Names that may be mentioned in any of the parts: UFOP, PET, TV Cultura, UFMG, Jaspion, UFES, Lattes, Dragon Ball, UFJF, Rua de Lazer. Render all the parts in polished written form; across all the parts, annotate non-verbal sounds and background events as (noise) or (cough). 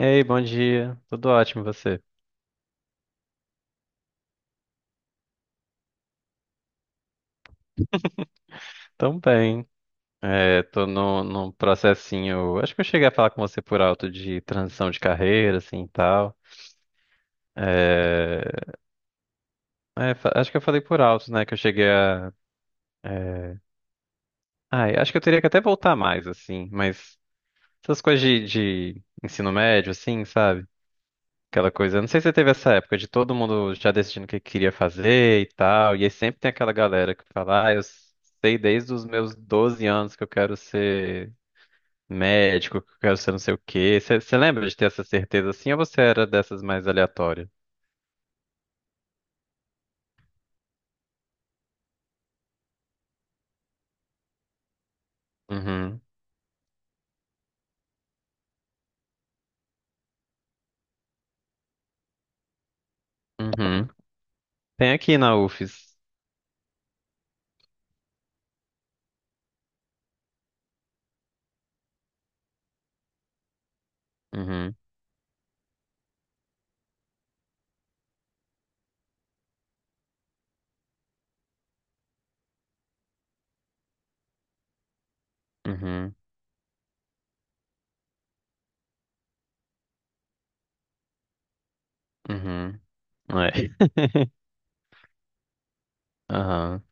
Ei, bom dia. Tudo ótimo, e você? Tão bem. É, tô no, num processinho. Acho que eu cheguei a falar com você por alto de transição de carreira, assim e tal. É, acho que eu falei por alto, né? Que eu cheguei a. é, Ai, acho que eu teria que até voltar mais, assim. Mas essas coisas de ensino médio, assim, sabe? Aquela coisa. Não sei se você teve essa época de todo mundo já decidindo o que queria fazer e tal. E aí sempre tem aquela galera que fala, ah, eu sei desde os meus 12 anos que eu quero ser médico, que eu quero ser não sei o quê. Você lembra de ter essa certeza assim ou você era dessas mais aleatórias? Uhum, uhum. Tem aqui na UFES. Uhum, uhum, uhum. É. (laughs) Aham.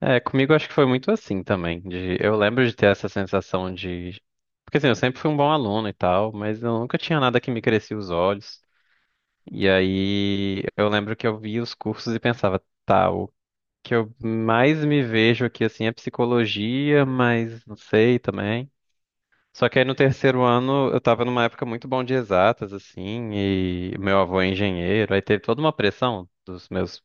É, comigo acho que foi muito assim também. Eu lembro de ter essa sensação de. Porque assim, eu sempre fui um bom aluno e tal, mas eu nunca tinha nada que me crescia os olhos. E aí eu lembro que eu via os cursos e pensava, tá, que eu mais me vejo aqui assim é psicologia, mas não sei também. Só que aí no terceiro ano eu tava numa época muito bom de exatas, assim, e meu avô é engenheiro, aí teve toda uma pressão dos meus,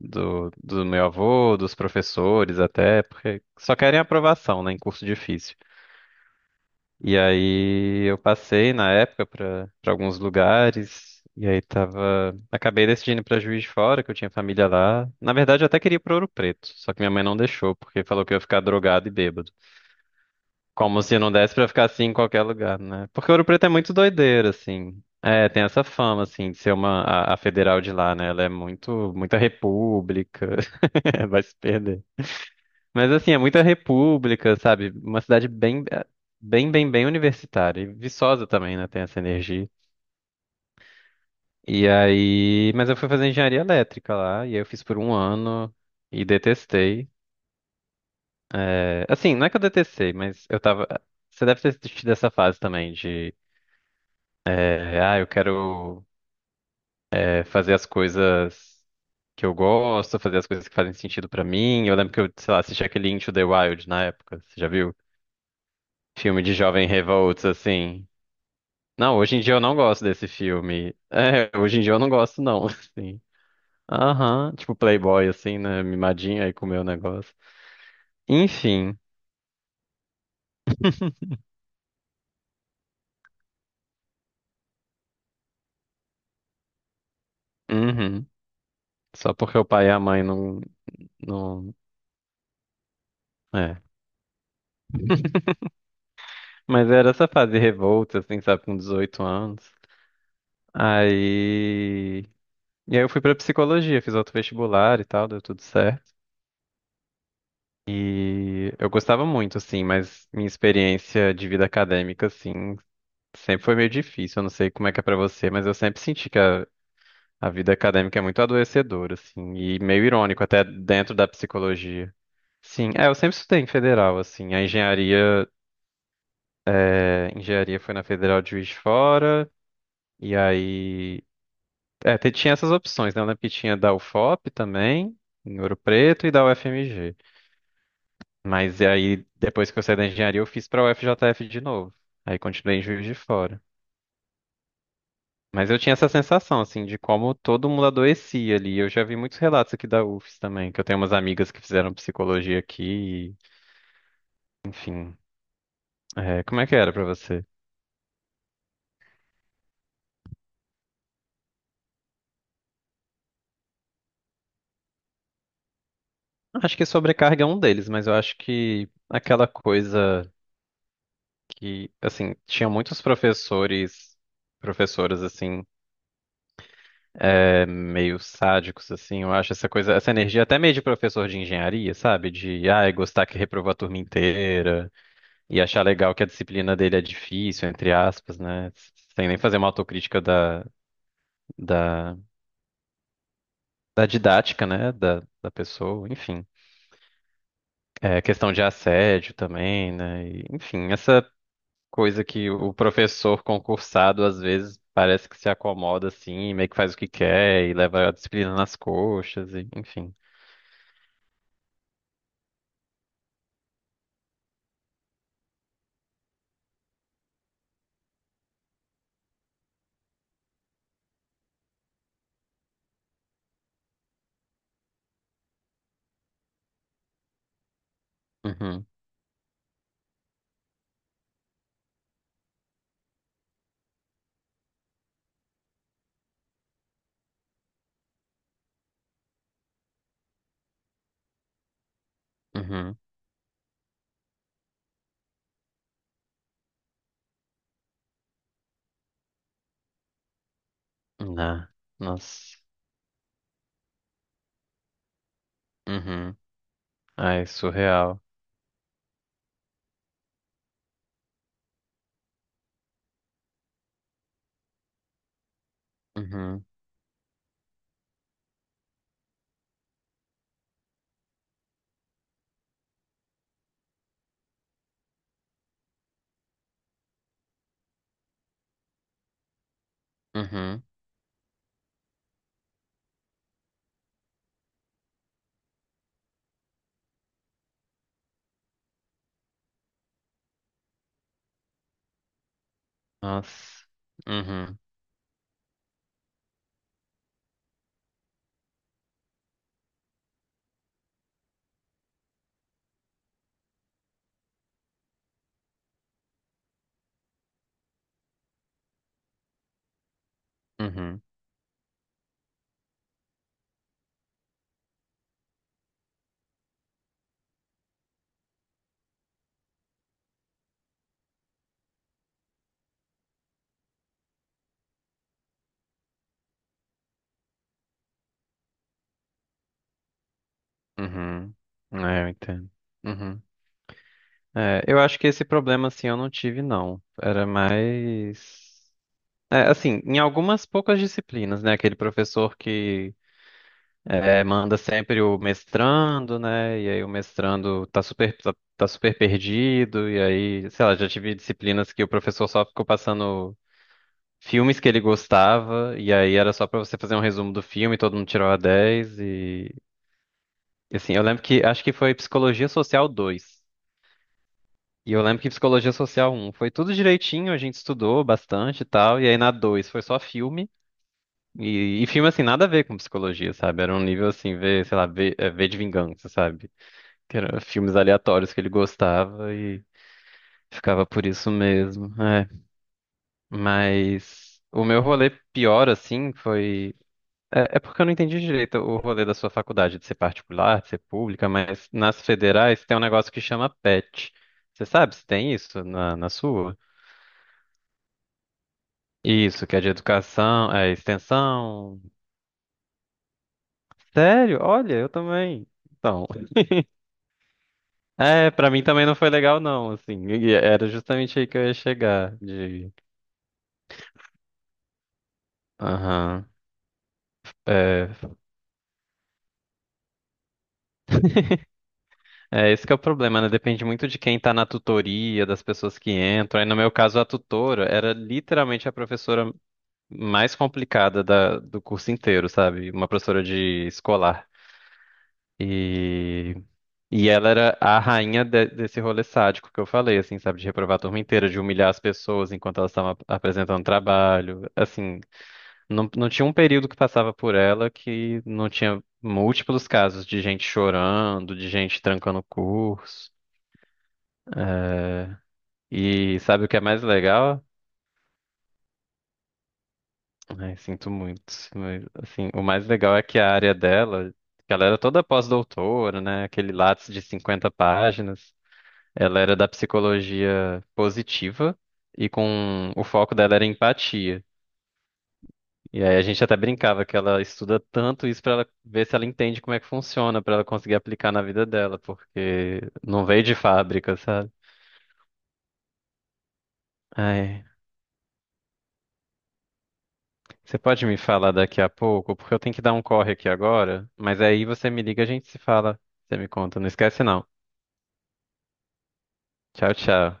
do meu avô, dos professores até, porque só querem aprovação, né, em curso difícil. E aí eu passei na época para alguns lugares e aí tava, acabei decidindo para Juiz de Fora, que eu tinha família lá. Na verdade, eu até queria ir para Ouro Preto, só que minha mãe não deixou, porque falou que eu ia ficar drogado e bêbado. Como se não desse para ficar assim em qualquer lugar, né? Porque Ouro Preto é muito doideira, assim. É, tem essa fama assim de ser a federal de lá, né? Ela é muito muita república. (laughs) Vai se perder. Mas assim, é muita república, sabe? Uma cidade bem, bem, bem, bem universitária. E Viçosa também, né? Tem essa energia. E aí. Mas eu fui fazer engenharia elétrica lá, e aí eu fiz por um ano e detestei. É, assim, não é que eu detestei, mas eu tava. Você deve ter tido essa fase também de. Ah, eu quero é, fazer as coisas. Que eu gosto, fazer as coisas que fazem sentido pra mim. Eu lembro que eu, sei lá, assisti aquele Into the Wild na época, você já viu? Filme de jovem revolts, assim. Não, hoje em dia eu não gosto desse filme. É, hoje em dia eu não gosto, não, (laughs) assim. Aham, tipo Playboy, assim, né? Mimadinho aí com o meu negócio. Enfim, uhum. Só porque o pai e a mãe não, não... É. Mas era essa fase revolta, assim, sabe, com 18 anos. Aí... E aí eu fui pra psicologia, fiz outro vestibular e tal, deu tudo certo. E eu gostava muito, assim, mas minha experiência de vida acadêmica, assim, sempre foi meio difícil, eu não sei como é que é pra você, mas eu sempre senti que a vida acadêmica é muito adoecedora, assim, e meio irônico até dentro da psicologia. Sim, eu sempre estudei em federal, assim, a engenharia, engenharia foi na Federal de Juiz de Fora, e aí, tinha essas opções, né, eu lembro que tinha da UFOP também, em Ouro Preto, e da UFMG, mas aí, depois que eu saí da engenharia, eu fiz pra UFJF de novo, aí continuei em Juiz de Fora. Mas eu tinha essa sensação, assim, de como todo mundo adoecia ali. Eu já vi muitos relatos aqui da UFES também, que eu tenho umas amigas que fizeram psicologia aqui, e, enfim. É, como é que era pra você? Acho que sobrecarga é um deles, mas eu acho que aquela coisa que, assim, tinha muitos professores, professoras, assim, meio sádicos, assim, eu acho essa coisa, essa energia até meio de professor de engenharia, sabe? De, ai, gostar que reprovou a turma inteira. E achar legal que a disciplina dele é difícil, entre aspas, né? Sem nem fazer uma autocrítica da, da, da didática, né? Da pessoa, enfim. É, questão de assédio também, né? E, enfim, essa coisa que o professor concursado, às vezes, parece que se acomoda assim, meio que faz o que quer e leva a disciplina nas coxas, e, enfim. Uhum, uhum. Nah, nossa. Uhum. Ai, surreal. Uhum, uhum. Nossa. Uhum, uhum. Uhum. É, eu entendo. Uhum. É, eu acho que esse problema, assim, eu não tive, não. Era mais. É, assim, em algumas poucas disciplinas, né? Aquele professor que manda sempre o mestrando, né? E aí o mestrando tá super perdido. E aí, sei lá, já tive disciplinas que o professor só ficou passando filmes que ele gostava. E aí era só pra você fazer um resumo do filme, todo mundo tirou a 10. E assim, eu lembro que acho que foi Psicologia Social dois. E eu lembro que Psicologia Social um foi tudo direitinho, a gente estudou bastante e tal. E aí na 2 foi só filme. E filme, assim, nada a ver com psicologia, sabe? Era um nível, assim, sei lá, ver de vingança, sabe? Que eram filmes aleatórios que ele gostava e ficava por isso mesmo. É. Mas o meu rolê pior, assim, foi. É porque eu não entendi direito o rolê da sua faculdade, de ser particular, de ser pública, mas nas federais tem um negócio que chama PET. Você sabe se tem isso na sua? Isso, que é de educação, é extensão. Sério? Olha, eu também. Então, pra mim também não foi legal não, assim. E era justamente aí que eu ia chegar de, aham. É, esse que é o problema, né? Depende muito de quem tá na tutoria, das pessoas que entram. Aí no meu caso, a tutora era literalmente a professora mais complicada do curso inteiro, sabe? Uma professora de escolar. E E ela era a rainha desse rolê sádico que eu falei, assim, sabe? De reprovar a turma inteira, de humilhar as pessoas enquanto elas estavam apresentando trabalho. Assim, não tinha um período que passava por ela que não tinha múltiplos casos de gente chorando, de gente trancando o curso. É, E sabe o que é mais legal? Ai, sinto muito. Mas, assim, o mais legal é que a área dela, que ela era toda pós-doutora, né? Aquele Lattes de 50 páginas. Ela era da psicologia positiva e com o foco dela era empatia. E aí a gente até brincava que ela estuda tanto isso para ela ver se ela entende como é que funciona, para ela conseguir aplicar na vida dela, porque não veio de fábrica, sabe? Ai, você pode me falar daqui a pouco, porque eu tenho que dar um corre aqui agora, mas aí você me liga, a gente se fala, você me conta, não esquece não. Tchau, tchau.